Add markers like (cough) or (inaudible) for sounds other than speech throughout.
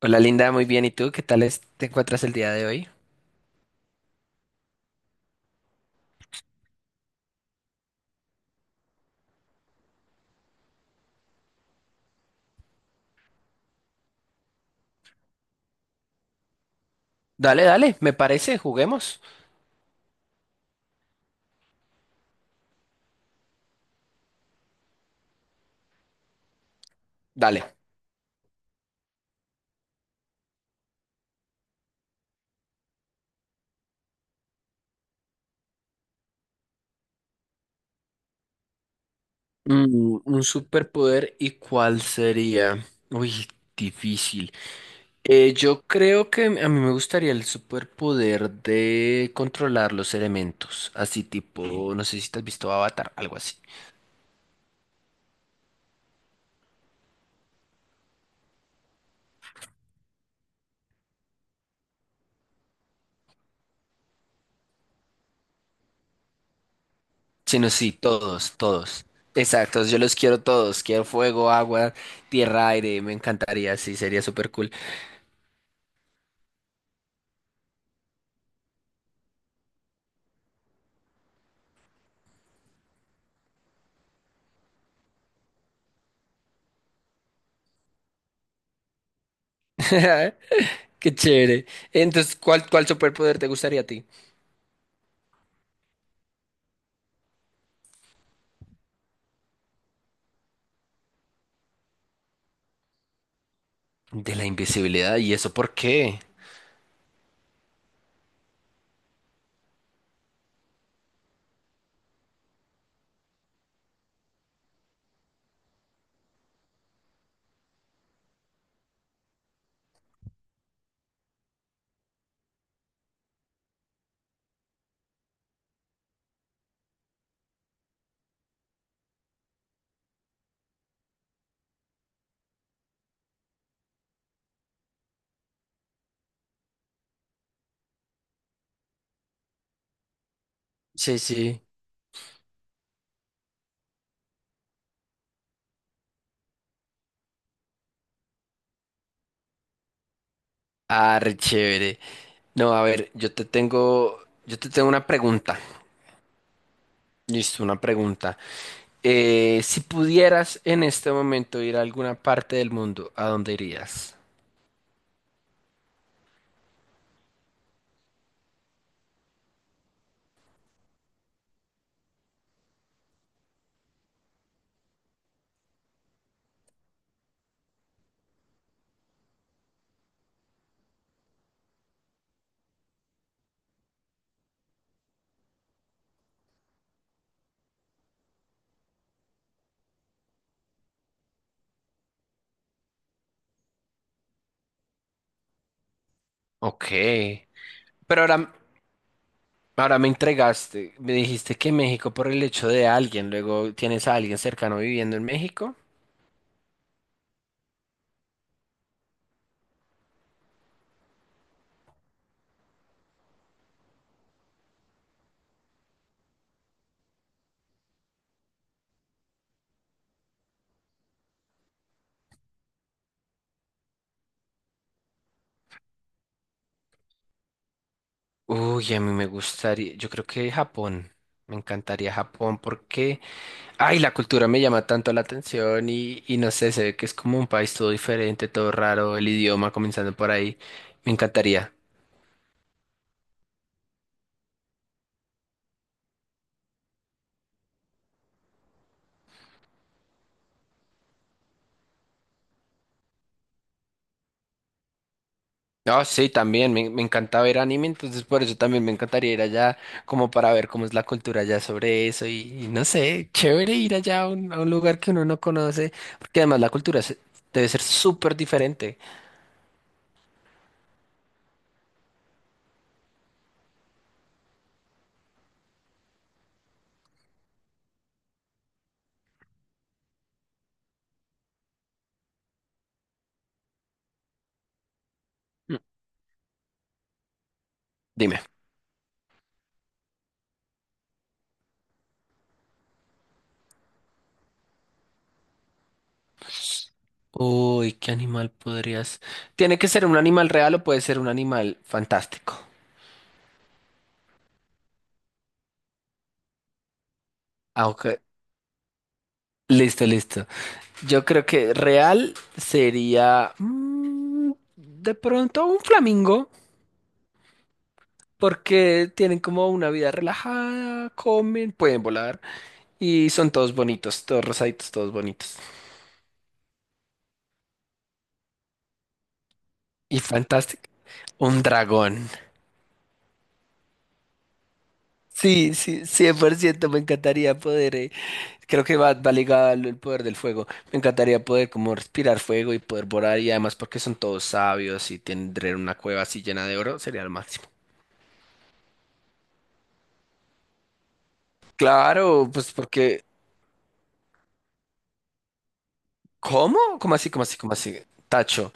Hola Linda, muy bien. ¿Y tú qué tal te encuentras el día de hoy? Dale, dale, me parece, juguemos. Dale. Mm, un superpoder, ¿y cuál sería? Uy, difícil. Yo creo que a mí me gustaría el superpoder de controlar los elementos, así tipo, no sé si te has visto Avatar, algo así. Sino sí, todos, todos. Exacto, yo los quiero todos, quiero fuego, agua, tierra, aire, me encantaría, sí, sería super cool. (laughs) Qué chévere. Entonces, ¿cuál superpoder te gustaría a ti? De la invisibilidad, ¿y eso por qué? Sí, sí. Ah, re chévere. No, a ver, yo te tengo una pregunta. Listo, una pregunta. Si pudieras en este momento ir a alguna parte del mundo, ¿a dónde irías? Ok. Pero ahora, ahora me entregaste, me dijiste que México por el hecho de alguien, luego tienes a alguien cercano viviendo en México. Uy, a mí me gustaría, yo creo que Japón, me encantaría Japón porque, ay, la cultura me llama tanto la atención y no sé, se ve que es como un país todo diferente, todo raro, el idioma comenzando por ahí, me encantaría. Ah, sí, también, me encanta ver anime, entonces por eso también me encantaría ir allá como para ver cómo es la cultura allá sobre eso y no sé, chévere ir allá a a un lugar que uno no conoce, porque además la cultura debe ser súper diferente. Mm, dime. Uy, ¿qué animal podrías? ¿Tiene que ser un animal real o puede ser un animal fantástico? Ah, ok. Listo, listo. Yo creo que real sería mm, de pronto un flamingo, porque tienen como una vida relajada, comen, pueden volar y son todos bonitos, todos rosaditos, todos bonitos. Y fantástico. Un dragón. Sí, sí, 100% me encantaría poder creo que va ligado al poder del fuego. Me encantaría poder como respirar fuego y poder volar y además porque son todos sabios y tendré una cueva así llena de oro, sería lo máximo. Claro, pues porque ¿cómo? ¿Cómo así? Tacho.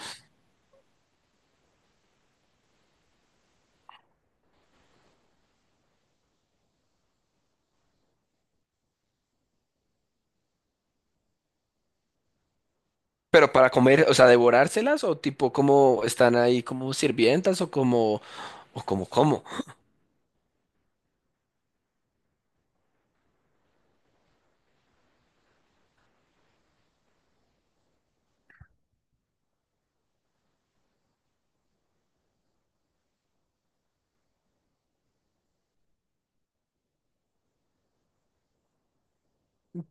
Pero para comer, o sea, devorárselas o tipo como están ahí como sirvientas o como cómo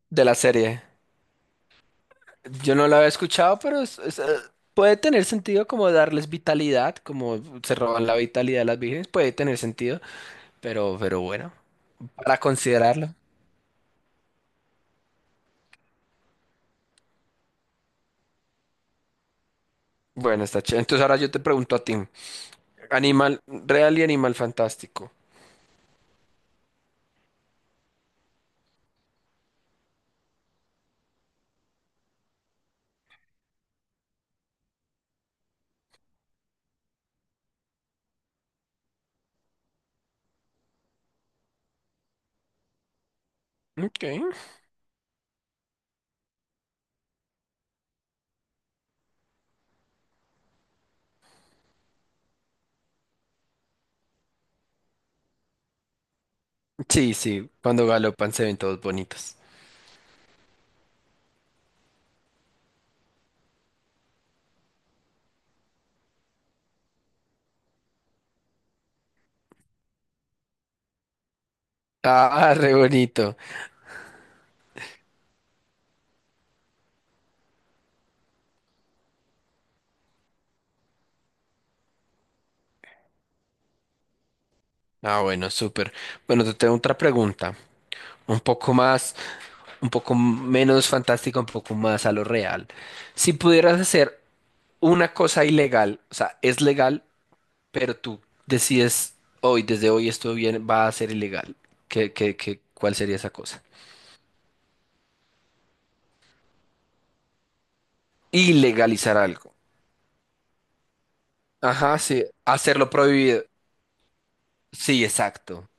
de la serie. Yo no la había escuchado, pero puede tener sentido como darles vitalidad, como se roban la vitalidad de las vírgenes, puede tener sentido, pero bueno. Para considerarlo. Bueno, está chévere. Entonces ahora yo te pregunto a ti. Animal real y animal fantástico. Ok. Sí, sí, cuando galopan se ven todos bonitos. Ah, (laughs) re bonito. Ah, bueno, súper. Bueno, te tengo otra pregunta. Un poco más, un poco menos fantástica, un poco más a lo real. Si pudieras hacer una cosa ilegal, o sea, es legal, pero tú decides hoy, desde hoy esto bien va a ser ilegal. ¿Cuál sería esa cosa? Ilegalizar algo. Ajá, sí. Hacerlo prohibido. Sí, exacto.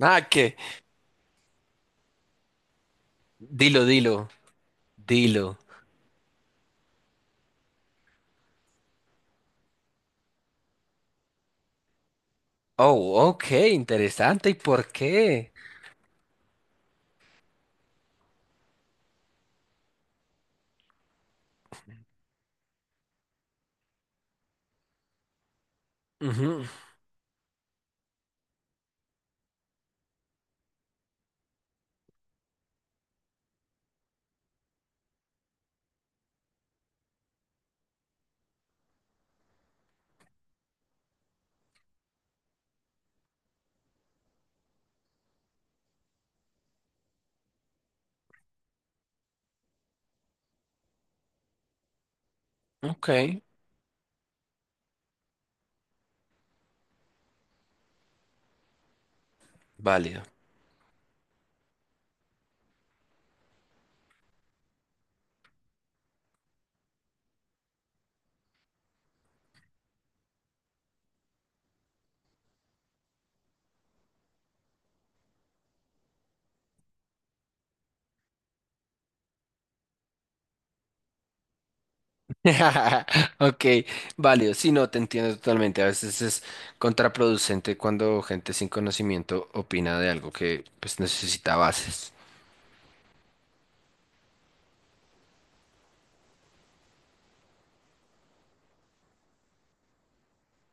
Ah, que. Dilo, dilo, dilo. Oh, ok, interesante. ¿Y por qué? Ujú, ok, válido. (laughs) Ok, válido. Sí, no, te entiendo totalmente. A veces es contraproducente cuando gente sin conocimiento opina de algo que pues necesita bases.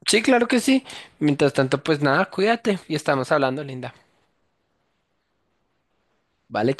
Sí, claro que sí. Mientras tanto, pues nada, cuídate y estamos hablando, linda. Vale.